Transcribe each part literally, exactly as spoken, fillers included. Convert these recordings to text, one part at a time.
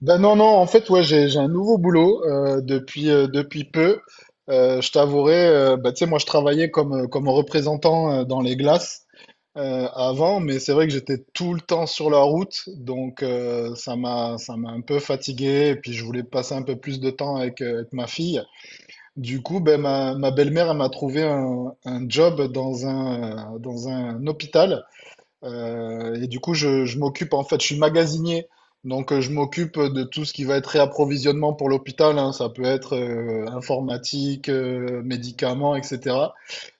Ben non, non, en fait, ouais, j'ai, j'ai un nouveau boulot euh, depuis, euh, depuis peu. Euh, je t'avouerai, euh, bah, tu sais, moi, je travaillais comme, euh, comme représentant euh, dans les glaces euh, avant, mais c'est vrai que j'étais tout le temps sur la route, donc euh, ça m'a, ça m'a un peu fatigué, et puis je voulais passer un peu plus de temps avec, euh, avec ma fille. Du coup, ben, ma, ma belle-mère, elle m'a trouvé un, un job dans un, dans un hôpital. Euh, et du coup, je, je m'occupe, en fait, je suis magasinier. Donc, euh, je m'occupe de tout ce qui va être réapprovisionnement pour l'hôpital, hein. Ça peut être euh, informatique, euh, médicaments, et cetera.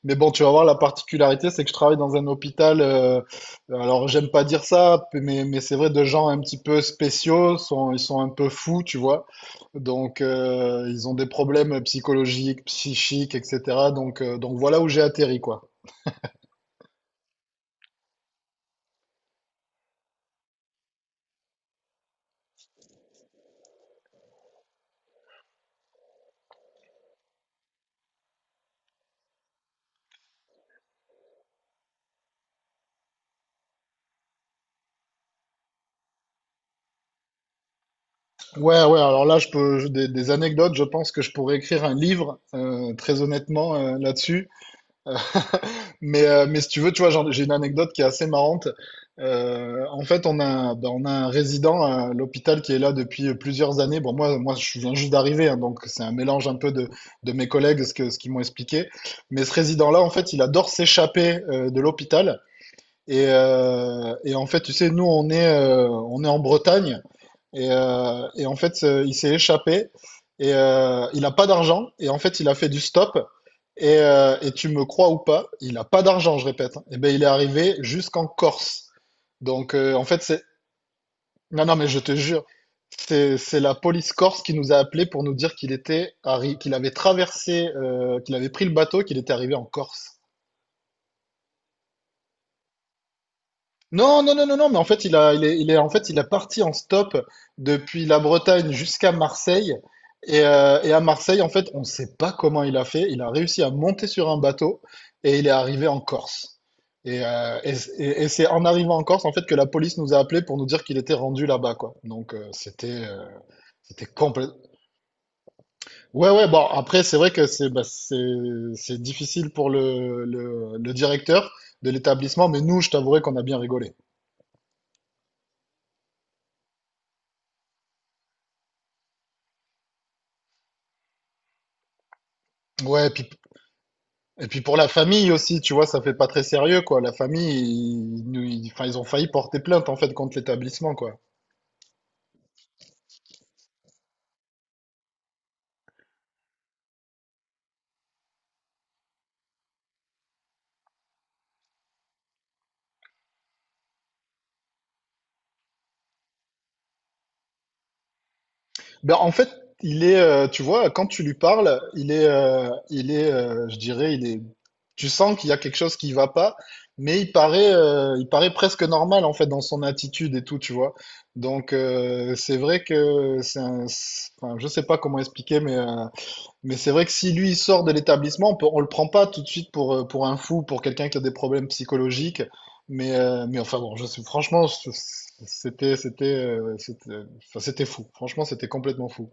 Mais bon, tu vas voir, la particularité, c'est que je travaille dans un hôpital. euh, alors, j'aime pas dire ça, mais, mais c'est vrai, de gens un petit peu spéciaux. Sont, ils sont un peu fous, tu vois. Donc, euh, ils ont des problèmes psychologiques, psychiques, et cetera. Donc, euh, donc voilà où j'ai atterri, quoi. Ouais, ouais, alors là, je peux, je- des, des anecdotes, je pense que je pourrais écrire un livre, euh, très honnêtement, euh, là-dessus. Euh, Mais, euh, mais si tu veux, tu vois, j'en- j'ai une anecdote qui est assez marrante. Euh, en fait, on a, ben, on a un résident à l'hôpital qui est là depuis plusieurs années. Bon, moi, moi, je viens juste d'arriver, hein, donc c'est un mélange un peu de, de mes collègues, ce que, ce qu'ils m'ont expliqué. Mais ce résident-là, en fait, il adore s'échapper euh, de l'hôpital. Et, euh, et en fait, tu sais, nous, on est, euh, on est en Bretagne. Et, euh, et en fait, euh, il s'est échappé et euh, il n'a pas d'argent. Et en fait, il a fait du stop. Et, euh, et tu me crois ou pas, il n'a pas d'argent, je répète, hein. Et ben, il est arrivé jusqu'en Corse. Donc, euh, en fait, c'est. Non, non, mais je te jure, c'est, c'est la police corse qui nous a appelés pour nous dire qu'il était arri- qu'il avait traversé, euh, qu'il avait pris le bateau, qu'il était arrivé en Corse. Non, non, non, non, non, mais en fait, il a, il est, il est, en fait, il a parti en stop depuis la Bretagne jusqu'à Marseille. Et, euh, et à Marseille, en fait, on ne sait pas comment il a fait. Il a réussi à monter sur un bateau et il est arrivé en Corse. Et, euh, et, et- et c'est en arrivant en Corse, en fait, que la police nous a appelés pour nous dire qu'il était rendu là-bas, quoi. Donc, euh, c'était, euh, c'était complètement. Ouais, ouais, bon, après, c'est vrai que c'est bah, c'est c'est difficile pour le, le, le directeur de l'établissement, mais nous, je t'avouerai qu'on a bien rigolé. Ouais, puis Et puis pour la famille aussi, tu vois, ça fait pas très sérieux, quoi. La famille, ils, nous- ils- enfin, ils ont failli porter plainte, en fait, contre l'établissement, quoi. Ben, en fait, il est, euh, tu vois, quand tu lui parles, il est, euh, il est, euh, je dirais, il est, tu sens qu'il y a quelque chose qui va pas, mais il paraît, euh, il paraît presque normal, en fait, dans son attitude et tout, tu vois. Donc, euh, c'est vrai que c'est un, c'est- enfin, je sais pas comment expliquer, mais euh, mais c'est vrai que si lui il sort de l'établissement, on peut- on le prend pas tout de suite pour, euh, pour un fou, pour quelqu'un qui a des problèmes psychologiques. Mais, euh, mais enfin bon, je sais, franchement, c- c'était, c'était, euh, c'était, enfin, c'était fou. Franchement, c'était complètement fou.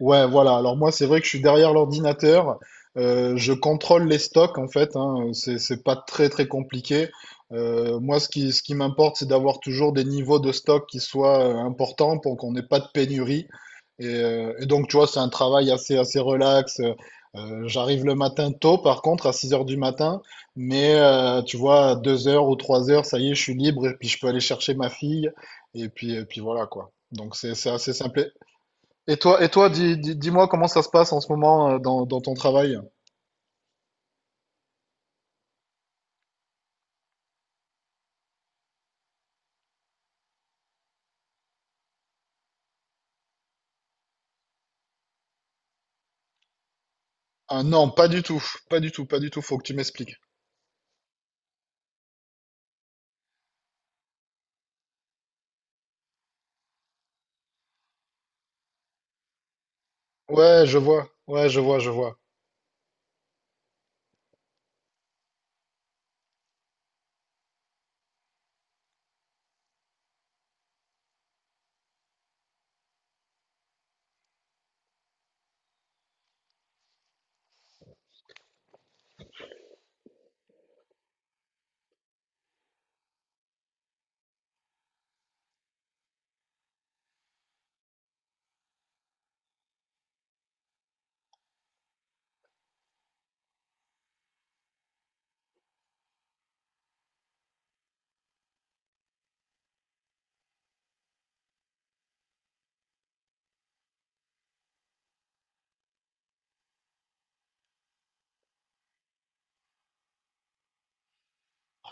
Ouais, voilà. Alors moi, c'est vrai que je suis derrière l'ordinateur. Euh, je contrôle les stocks en fait, hein. C'est c'est pas très très compliqué. Euh, moi, ce qui ce qui m'importe, c'est d'avoir toujours des niveaux de stock qui soient euh, importants pour qu'on n'ait pas de pénurie. Et, euh, et donc, tu vois, c'est un travail assez assez relax. Euh, j'arrive le matin tôt, par contre, à six heures du matin. Mais euh, tu vois, à deux heures ou trois heures, ça y est, je suis libre et puis je peux aller chercher ma fille. Et puis et puis voilà quoi. Donc c'est c'est assez simple. Et toi, et toi, dis, dis, dis-moi comment ça se passe en ce moment euh, dans, dans ton travail. Ah non, pas du tout, pas du tout, pas du tout, faut que tu m'expliques. Ouais, je vois, ouais, je vois, je vois.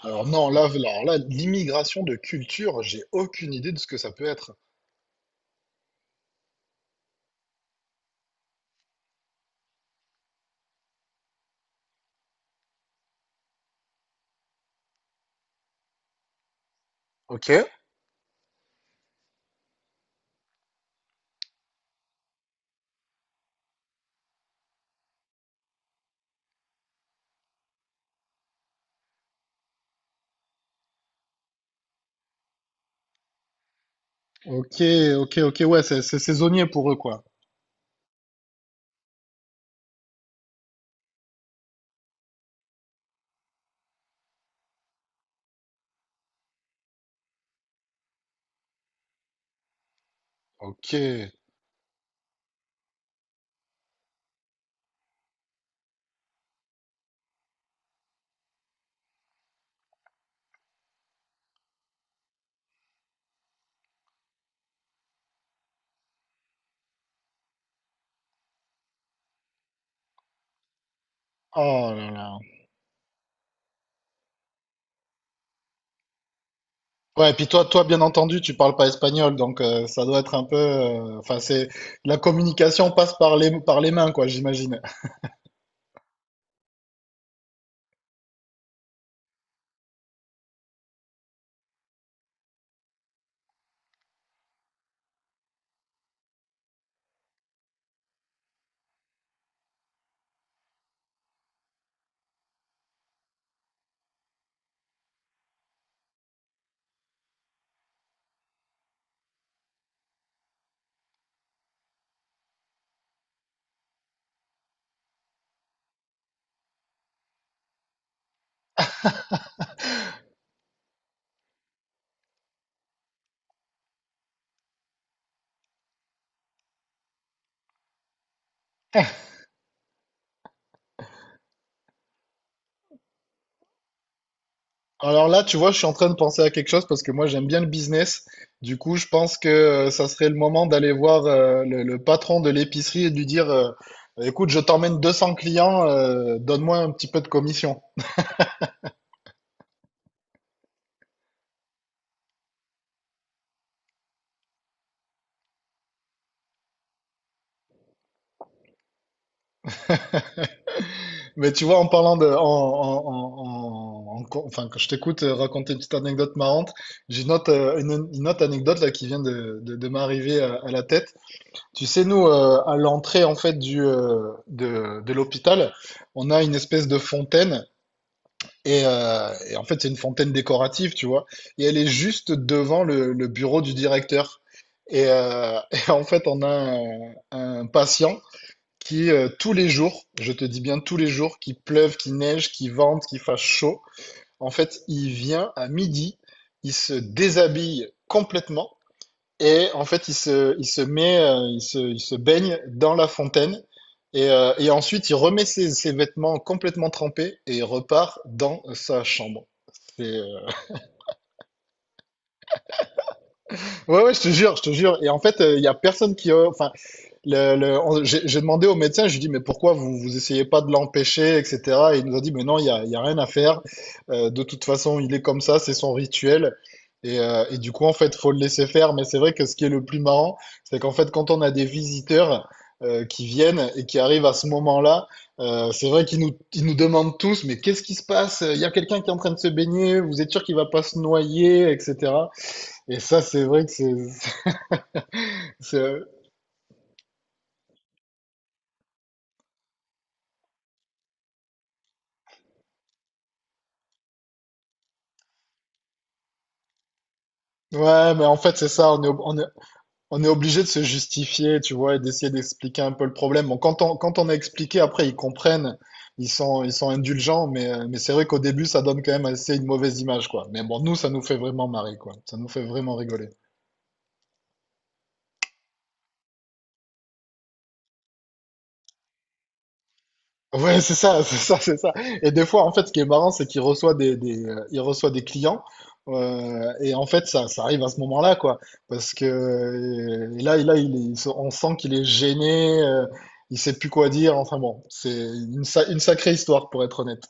Alors non, là, alors là, l'immigration de culture, j'ai aucune idée de ce que ça peut être. Ok. Ok, ok, ok, ouais, c'est c'est saisonnier pour eux, quoi. Ok. Oh là là. Ouais, et puis toi, toi, bien entendu, tu parles pas espagnol, donc euh, ça doit être un peu. euh, Enfin, c'est la communication passe par les par les mains, quoi, j'imagine. Alors là, tu vois, je suis en train de penser à quelque chose parce que moi, j'aime bien le business. Du coup, je pense que euh, ça serait le moment d'aller voir euh, le, le patron de l'épicerie et de lui dire, euh, écoute, je t'emmène deux cents clients, euh, donne-moi un petit peu de commission. Mais tu vois, en parlant de, en, en- en- en- en- enfin, quand je t'écoute euh, raconter une petite anecdote marrante, j'ai une autre, euh, une, une autre anecdote là qui vient de, de, de m'arriver à, à la tête. Tu sais, nous, euh, à l'entrée en fait du, euh, de, de l'hôpital, on a une espèce de fontaine et, euh, et en fait c'est une fontaine décorative, tu vois, et elle est juste devant le, le bureau du directeur. Et, euh, et en fait, on a un, un patient qui euh, tous les jours, je te dis bien tous les jours, qu'il pleuve, qu'il neige, qu'il vente, qu'il fasse chaud, en fait, il vient à midi, il se déshabille complètement et en fait, il se, il se met, euh, il se, il se baigne dans la fontaine et, euh, et ensuite, il remet ses, ses vêtements complètement trempés et il repart dans sa chambre. C'est, euh, Ouais, ouais, je te jure, je te jure. Et en fait, euh, il y a personne qui, euh, enfin, Le, le- on- j'ai j'ai demandé au médecin, je lui ai dit, mais pourquoi vous vous essayez pas de l'empêcher, et cetera. Et il nous a dit, mais non, il y a, il y a rien à faire. Euh, de toute façon, il est comme ça, c'est son rituel. Et, euh, et du coup, en fait, faut le laisser faire. Mais c'est vrai que ce qui est le plus marrant, c'est qu'en fait, quand on a des visiteurs euh, qui viennent et qui arrivent à ce moment-là, euh, c'est vrai qu'ils nous, ils nous demandent tous, mais qu'est-ce qui se passe? Il y a quelqu'un qui est en train de se baigner, vous êtes sûr qu'il va pas se noyer, et cetera. Et ça, c'est vrai que c'est, c'est- Ouais, mais en fait, c'est ça, on est, ob- on est, On est obligé de se justifier, tu vois, et d'essayer d'expliquer un peu le problème. Bon, quand on, quand on a expliqué, après, ils comprennent, ils sont, ils sont indulgents, mais, euh, mais c'est vrai qu'au début, ça donne quand même assez une mauvaise image, quoi. Mais bon, nous, ça nous fait vraiment marrer, quoi. Ça nous fait vraiment rigoler. Ouais, c'est ça, c'est ça, c'est ça. Et des fois, en fait, ce qui est marrant, c'est qu'il reçoit des, des, euh, il reçoit des clients. euh, et en fait, ça, ça arrive à ce moment-là, quoi. Parce que euh, là, et là, il est- il se- on sent qu'il est gêné, euh, il sait plus quoi dire. Enfin bon, c'est une, sa- une sacrée histoire, pour être honnête.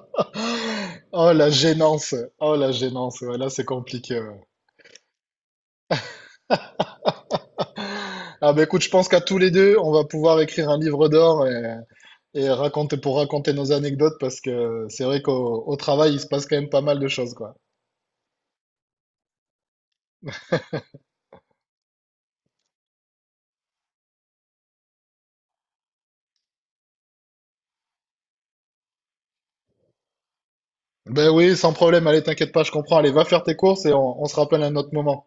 Oh, la gênance. Oh, la gênance. Ouais, là, c'est compliqué, ouais. Ah, bah écoute, je pense qu'à tous les deux, on va pouvoir écrire un livre d'or. Et raconter pour raconter nos anecdotes parce que c'est vrai qu'au au travail, il se passe quand même pas mal de choses, quoi. Ben oui, sans problème, allez, t'inquiète pas, je comprends. Allez, va faire tes courses et on, on se rappelle à un autre moment.